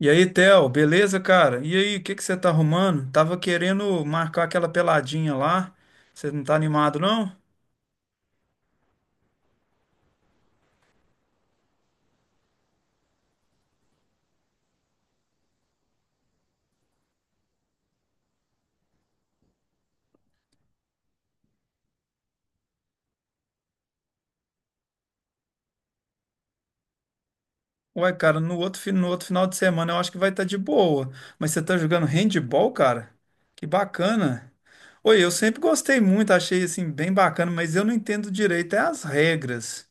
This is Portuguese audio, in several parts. E aí, Theo, beleza, cara? E aí, o que que você tá arrumando? Tava querendo marcar aquela peladinha lá. Você não tá animado, não? Ué, cara, no outro, no outro final de semana eu acho que vai estar de boa. Mas você tá jogando handball, cara? Que bacana. Oi, eu sempre gostei muito, achei assim bem bacana, mas eu não entendo direito é as regras.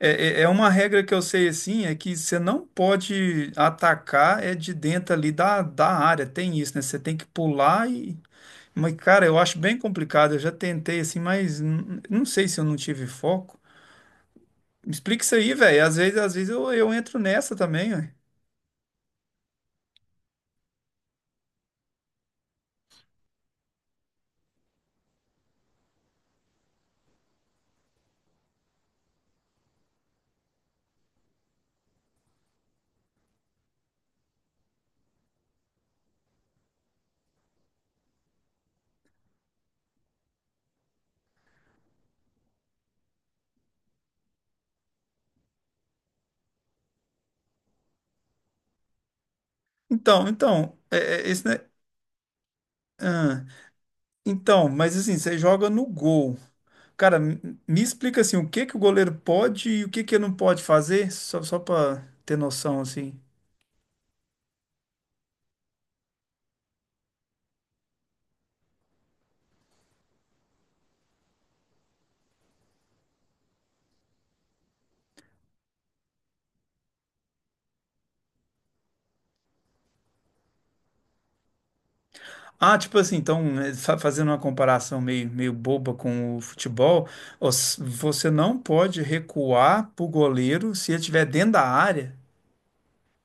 É, é uma regra que eu sei assim, é que você não pode atacar é de dentro ali da área, tem isso, né? Você tem que pular. Mas, cara, eu acho bem complicado. Eu já tentei assim, mas não sei se eu não tive foco. Me explica isso aí, velho. Às vezes eu entro nessa também, ué. Então, é, esse, né? Ah, então, mas assim, você joga no gol. Cara, me explica assim, o que que o goleiro pode e o que que ele não pode fazer, só para ter noção, assim. Ah, tipo assim, então, fazendo uma comparação meio boba com o futebol, você não pode recuar pro goleiro se ele estiver dentro da área.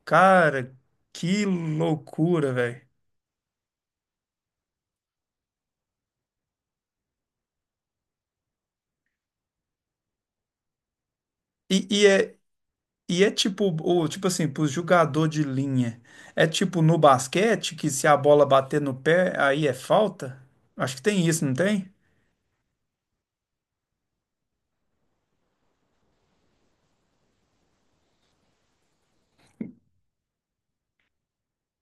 Cara, que loucura, velho. E, e é, e é tipo, tipo assim, pro jogador de linha. É tipo no basquete, que se a bola bater no pé, aí é falta? Acho que tem isso, não tem?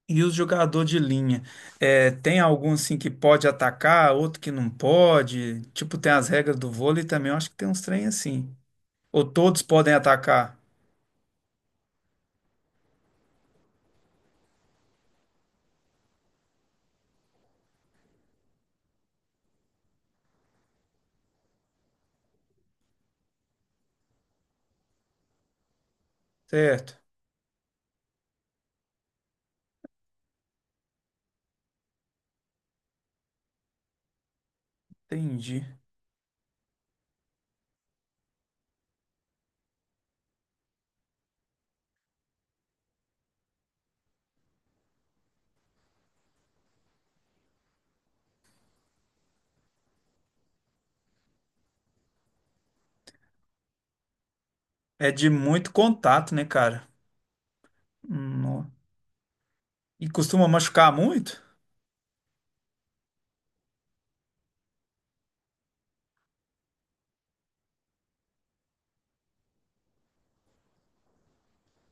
E o jogador de linha, é, tem algum assim que pode atacar, outro que não pode? Tipo, tem as regras do vôlei também, eu acho que tem uns trem assim. Ou todos podem atacar, certo? Entendi. É de muito contato, né, cara? Hum. E costuma machucar muito?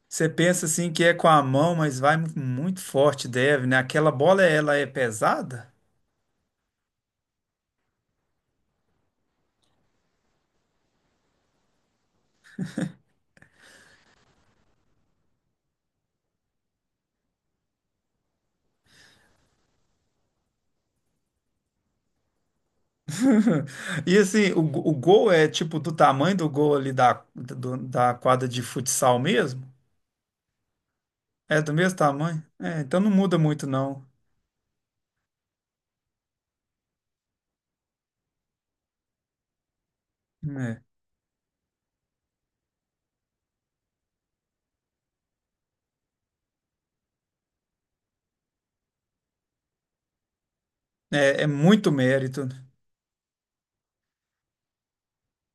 Você pensa assim que é com a mão, mas vai muito forte, deve, né? Aquela bola, ela é pesada? E assim, o gol é tipo do tamanho do gol ali da quadra de futsal mesmo? É do mesmo tamanho? É, então não muda muito, não. É muito mérito.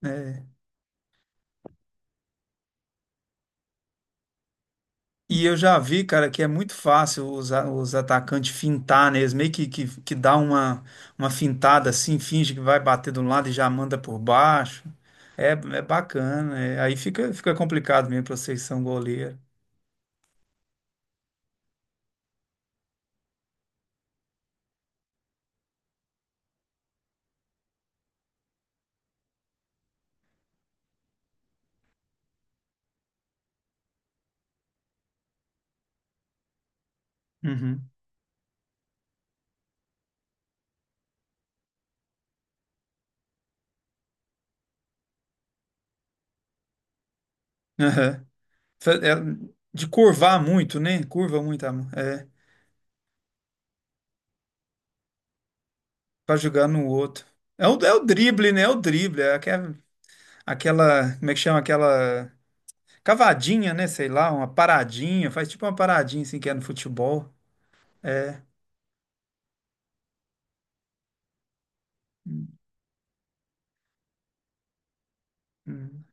Né? E eu já vi, cara, que é muito fácil os atacantes fintar, né? Eles meio que dá uma fintada assim, finge que vai bater de um lado e já manda por baixo. É, é bacana. É. Aí fica complicado mesmo pra vocês que são goleiro. Uhum. Aham. Fa- é, de curvar muito, né? Curva muito a mão. É, pra jogar no outro. É o, é o drible, né? É o drible. É, que é, aquela, como é que chama? Aquela cavadinha, né? Sei lá, uma paradinha, faz tipo uma paradinha assim que é no futebol. É. Hum,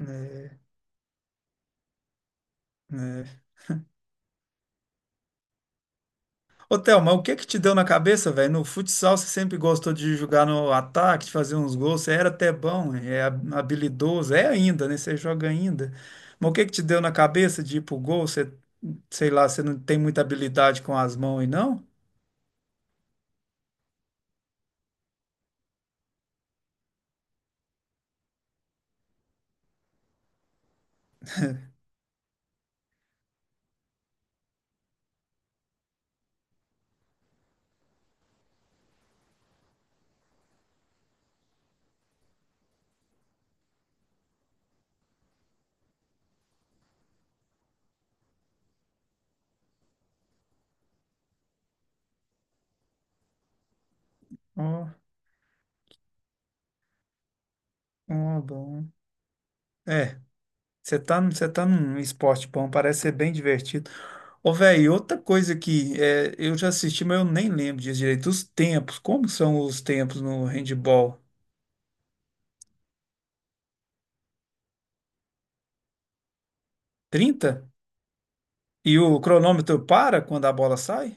é, é. Ô, Theo, o que que te deu na cabeça, velho? No futsal você sempre gostou de jogar no ataque, de fazer uns gols, você era até bom, é hab- habilidoso, é ainda, né? Você joga ainda. Mas o que que te deu na cabeça de ir pro gol? Você, sei lá, você não tem muita habilidade com as mãos aí, não? Ó, ó, bom. É. Você tá, você tá num esporte bom, parece ser bem divertido. Ô, velho, outra coisa que é, eu já assisti, mas eu nem lembro disso direito. Os tempos, como são os tempos no handball? 30. E o cronômetro para quando a bola sai?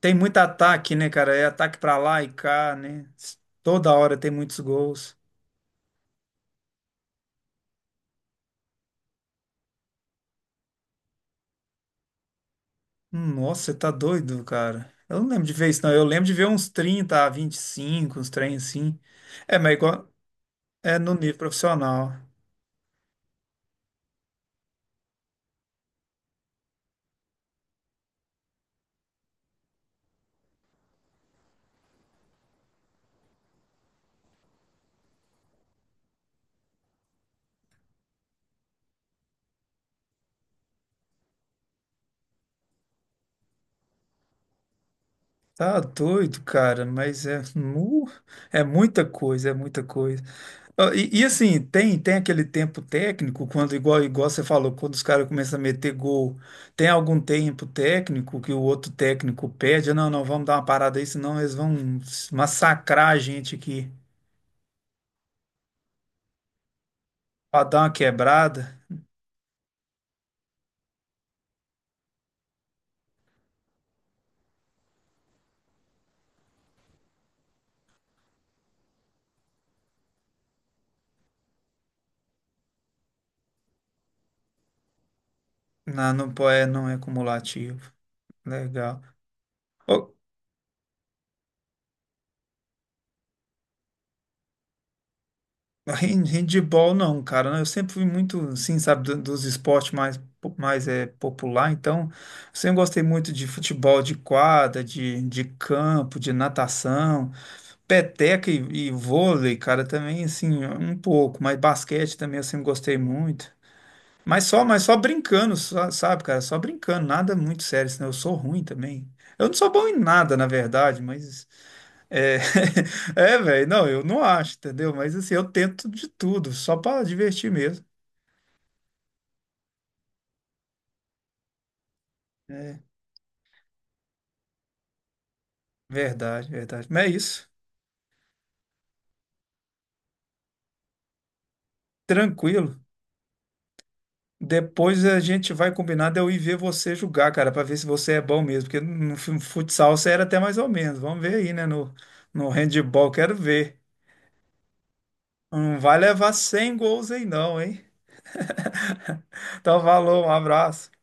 Tem muito ataque, né, cara? É ataque pra lá e cá, né? Toda hora tem muitos gols. Nossa, você tá doido, cara. Eu não lembro de ver isso, não. Eu lembro de ver uns 30-25, uns trem assim. É, mas é igual, é no nível profissional. Tá doido, cara, mas é, é muita coisa, é muita coisa. Ó, e assim, tem aquele tempo técnico, quando igual, igual você falou, quando os caras começam a meter gol, tem algum tempo técnico que o outro técnico pede, não, não, vamos dar uma parada aí, senão eles vão massacrar a gente aqui, pra dar uma quebrada. Não, não, é, não é cumulativo. Legal. Handball não, cara. Né? Eu sempre fui muito, assim, sabe, dos esportes mais, mais é, popular. Então, sempre gostei muito de futebol de quadra, de campo, de natação, peteca e vôlei, cara, também, assim, um pouco. Mas basquete também eu sempre gostei muito. Mas só brincando, sabe, cara? Só brincando, nada muito sério, senão eu sou ruim também. Eu não sou bom em nada, na verdade, mas. É, é, velho, não, eu não acho, entendeu? Mas assim, eu tento de tudo, só pra divertir mesmo. É, verdade, verdade. Mas é isso, tranquilo. Depois a gente vai combinar de eu ir ver você jogar, cara, pra ver se você é bom mesmo. Porque no futsal você era até mais ou menos. Vamos ver aí, né? No, no handebol, quero ver. Não vai levar 100 gols aí, não, hein? Então, valeu, um abraço.